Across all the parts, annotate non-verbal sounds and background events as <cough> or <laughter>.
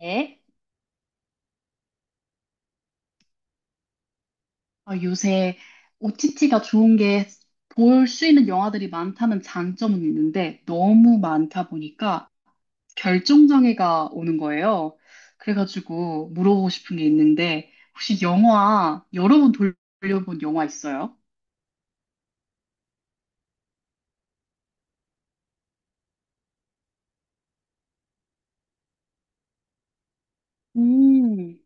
네. 어, 요새 OTT가 좋은 게 볼 수 있는 영화들이 많다는 장점은 있는데 너무 많다 보니까 결정장애가 오는 거예요. 그래가지고 물어보고 싶은 게 있는데 혹시 영화 여러 번 돌려본 영화 있어요? 음,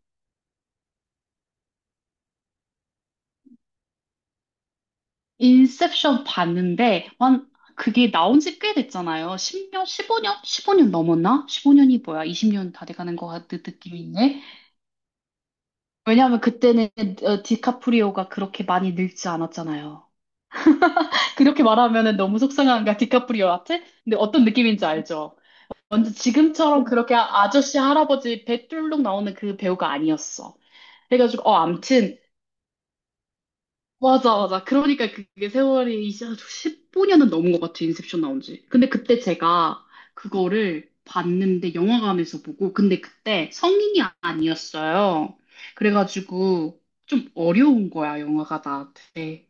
인셉션 봤는데 완 그게 나온 지 꽤 됐잖아요. 10년, 15년? 15년 넘었나? 15년이 뭐야? 20년 다 돼가는 것 같은 느낌인데 왜냐하면 그때는 어, 디카프리오가 그렇게 많이 늙지 않았잖아요. 그렇게 말하면은 너무 속상한가, 디카프리오한테? 근데 어떤 느낌인지 알죠? 완전 지금처럼 그렇게 아저씨, 할아버지 배 뚫룩 나오는 그 배우가 아니었어. 그래가지고, 어, 암튼, 맞아, 맞아. 그러니까 그게 세월이 이제 15년은 넘은 것 같아, 인셉션 나온 지. 근데 그때 제가 그거를 봤는데, 영화관에서 보고, 근데 그때 성인이 아니었어요. 그래가지고 좀 어려운 거야, 영화가 나한테.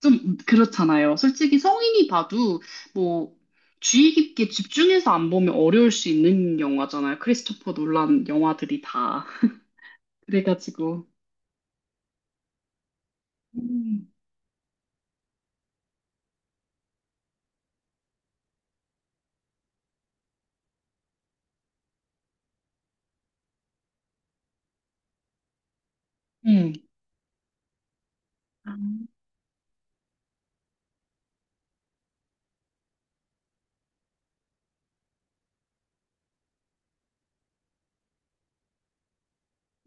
좀 그렇잖아요. 솔직히 성인이 봐도 뭐 주의 깊게 집중해서 안 보면 어려울 수 있는 영화잖아요. 크리스토퍼 놀란 영화들이 다. 그래가지고. 음, 음.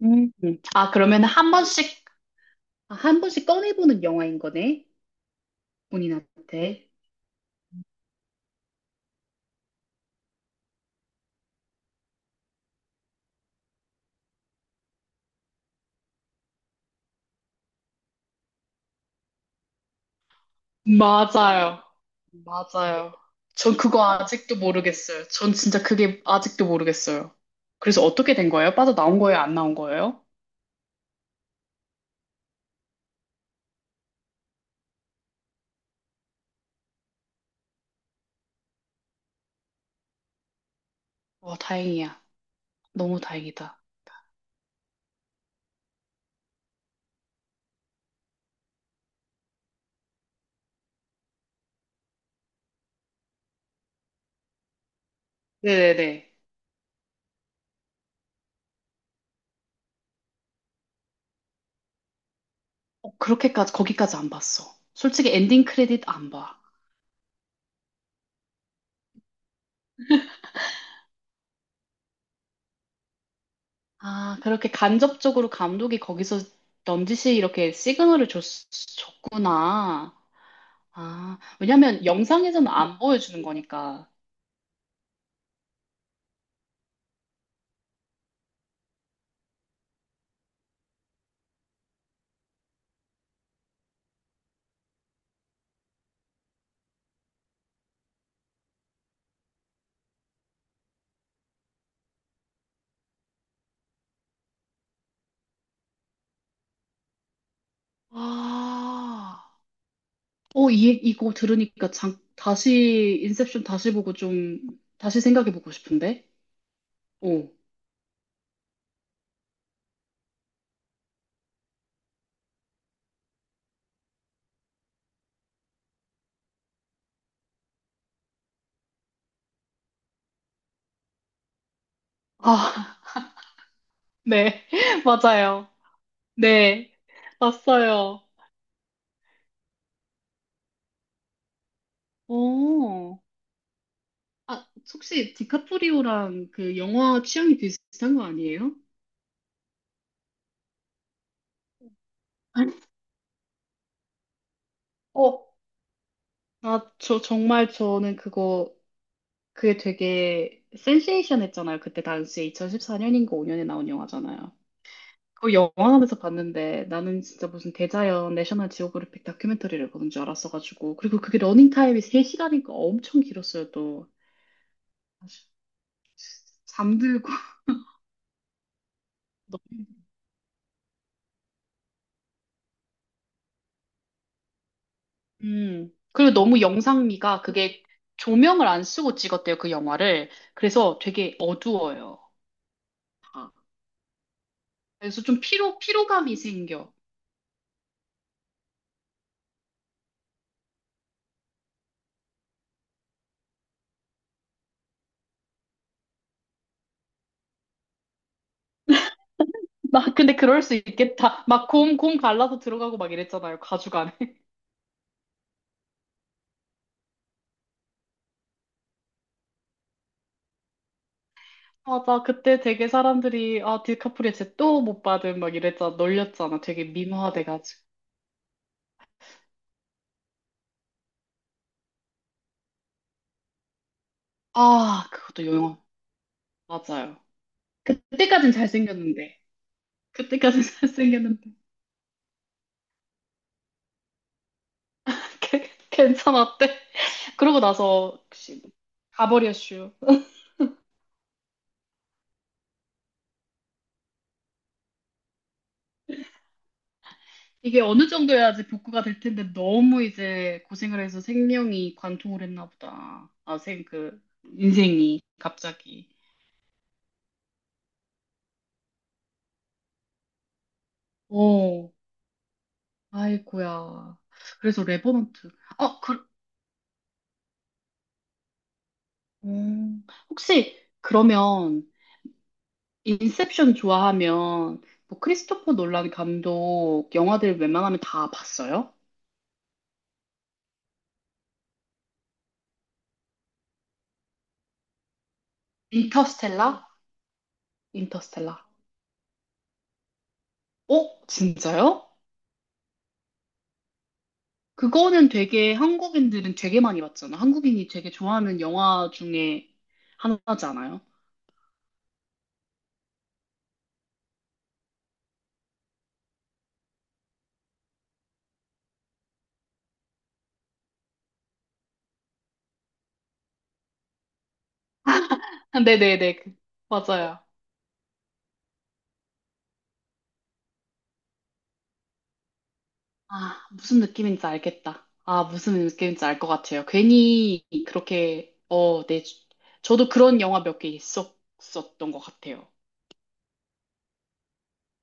음. 아, 그러면 한 번씩, 아, 한 번씩 꺼내보는 영화인 거네? 본인한테. 맞아요. 맞아요. 전 그거 아직도 모르겠어요. 전 진짜 그게 아직도 모르겠어요. 그래서 어떻게 된 거예요? 빠져나온 거예요? 안 나온 거예요? 어, 다행이야. 너무 다행이다. 네네네. 어, 그렇게까지, 거기까지 안 봤어. 솔직히 엔딩 크레딧 안 봐. 아, 그렇게 간접적으로 감독이 거기서 넌지시 이렇게 시그널을 줬구나. 아, 왜냐면 영상에서는 안 보여주는 거니까. 아, 어, 이, 이거 들으니까 장, 다시, 인셉션 다시 보고 좀, 다시 생각해보고 싶은데? 오. 아, <laughs> 네. <laughs> 맞아요. 네. 봤어요. 오. 아, 혹시 디카프리오랑 그 영화 취향이 비슷한 거 아니에요? <laughs> 어, 아, 저, 정말 저는 그거 그게 되게 센세이션했잖아요. 그때 당시에 2014년인가 5년에 나온 영화잖아요. 그 영화관에서 봤는데 나는 진짜 무슨 대자연 내셔널 지오그래픽 다큐멘터리를 보는 줄 알았어가지고 그리고 그게 러닝타임이 3시간이니까 엄청 길었어요 또. 아 잠들고 <laughs> 너무 그리고 너무 영상미가 그게 조명을 안 쓰고 찍었대요 그 영화를. 그래서 되게 어두워요 다. 그래서 좀 피로감이 생겨. 나 근데 그럴 수 있겠다. 막 곰 갈라서 들어가고 막 이랬잖아요. 가죽 안에. <laughs> 맞아. 그때 되게 사람들이, 아, 디카프리오 쟤또 못 받은 막 이랬잖아. 놀렸잖아. 되게 미모화돼가지고. 아, 그것도 영화. 맞아요. 그때까진 잘생겼는데. 그때까진 <laughs> 잘생겼는데. 괜찮았대. 그러고 나서, 혹시, 가버렸슈. 이게 어느 정도 해야지 복구가 될 텐데 너무 이제 고생을 해서 생명이 관통을 했나 보다. 아, 인생이 갑자기. 어, 아이고야. 그래서 레버넌트. 어, 그, 혹시 그러면 인셉션 좋아하면 뭐 크리스토퍼 놀란 감독 영화들 웬만하면 다 봤어요? 인터스텔라? 인터스텔라. 어, 진짜요? 그거는 되게 한국인들은 되게 많이 봤잖아. 한국인이 되게 좋아하는 영화 중에 하나잖아요. <laughs> 네네네. 맞아요. 아, 무슨 느낌인지 알겠다. 아, 무슨 느낌인지 알 것 같아요. 괜히 그렇게, 어, 네. 저도 그런 영화 몇 개 있었던 것 같아요.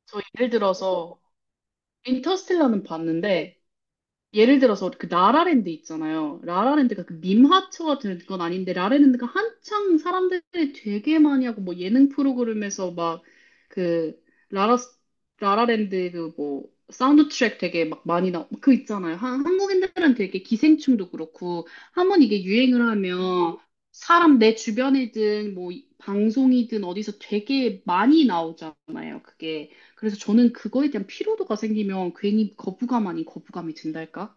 저 예를 들어서, 인터스텔라는 봤는데, 예를 들어서 그 라라랜드 있잖아요. 라라랜드가 그 밈하초 같은 건 아닌데 라라랜드가 한창 사람들이 되게 많이 하고 뭐 예능 프로그램에서 막 그 라라 라라랜드 그 뭐 사운드 트랙 되게 막 많이 나오 그 있잖아요. 한 한국인들은 되게 기생충도 그렇고 한 번 이게 유행을 하면 사람 내 주변이든 뭐 방송이든 어디서 되게 많이 나오잖아요. 그게. 그래서 저는 그거에 대한 피로도가 생기면 괜히 거부감 아닌 거부감이 든달까?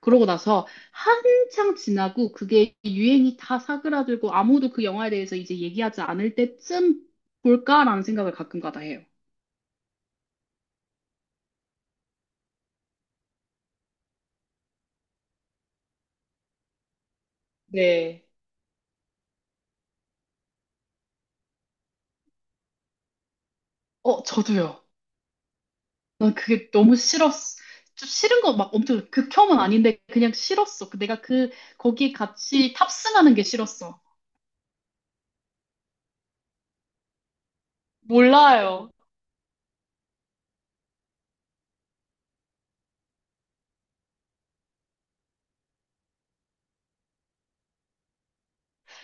그러고 나서 한창 지나고 그게 유행이 다 사그라들고 아무도 그 영화에 대해서 이제 얘기하지 않을 때쯤 볼까라는 생각을 가끔가다 해요. 네. 어, 저도요. 난 그게 너무 싫었어. 좀 싫은 거 막 엄청 극혐은 아닌데 그냥 싫었어. 그 내가 그 거기에 같이 탑승하는 게 싫었어. 몰라요.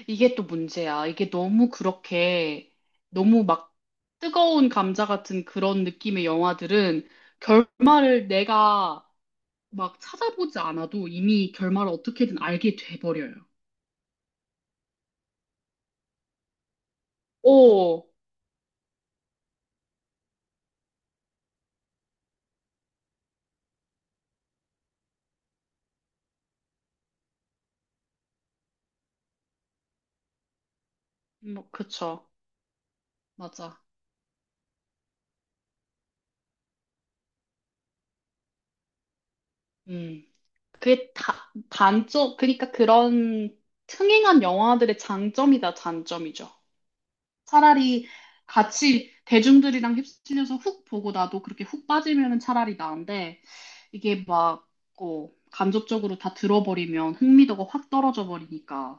이게 또 문제야. 이게 너무 그렇게, 너무 막 뜨거운 감자 같은 그런 느낌의 영화들은 결말을 내가 막 찾아보지 않아도 이미 결말을 어떻게든 알게 돼버려요. 오, 뭐, 그쵸. 맞아. 음. 그게 다, 단점, 그러니까 그런 흥행한 영화들의 장점이다, 단점이죠. 차라리 같이 대중들이랑 휩쓸려서 훅 보고 나도 그렇게 훅 빠지면은 차라리 나은데 이게 막 어, 간접적으로 다 들어버리면 흥미도가 확 떨어져 버리니까.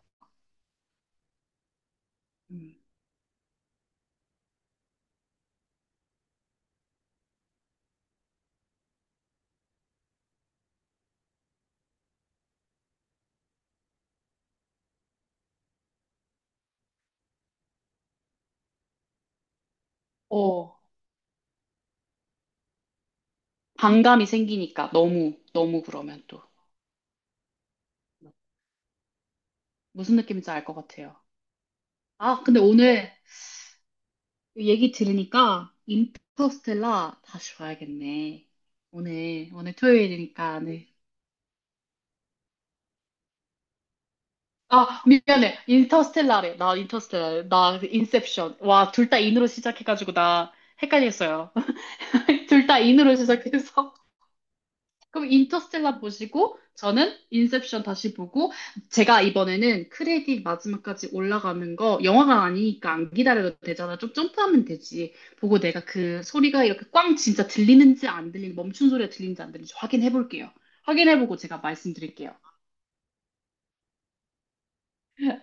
음. 어, 반감이 생기니까 너무 너무 그러면 또 무슨 느낌인지 알 것 같아요. 아, 근데 오늘 얘기 들으니까 인터스텔라 다시 봐야겠네. 오늘 토요일이니까 네. 아, 미안해. 인터스텔라래. 나 인터스텔라. 나 인셉션. 와, 둘 다 인으로 시작해가지고 나 헷갈렸어요. <laughs> 둘 다 인으로 시작해서. <laughs> 그럼 인터스텔라 보시고, 저는 인셉션 다시 보고, 제가 이번에는 크레딧 마지막까지 올라가는 거, 영화가 아니니까 안 기다려도 되잖아. 좀 점프하면 되지. 보고 내가 그 소리가 이렇게 꽝 진짜 들리는지 안 들리는지, 멈춘 소리가 들리는지 안 들리는지 확인해 볼게요. 확인해 보고 제가 말씀드릴게요.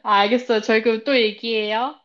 아, 알겠어요. 저희 그럼 또 얘기해요.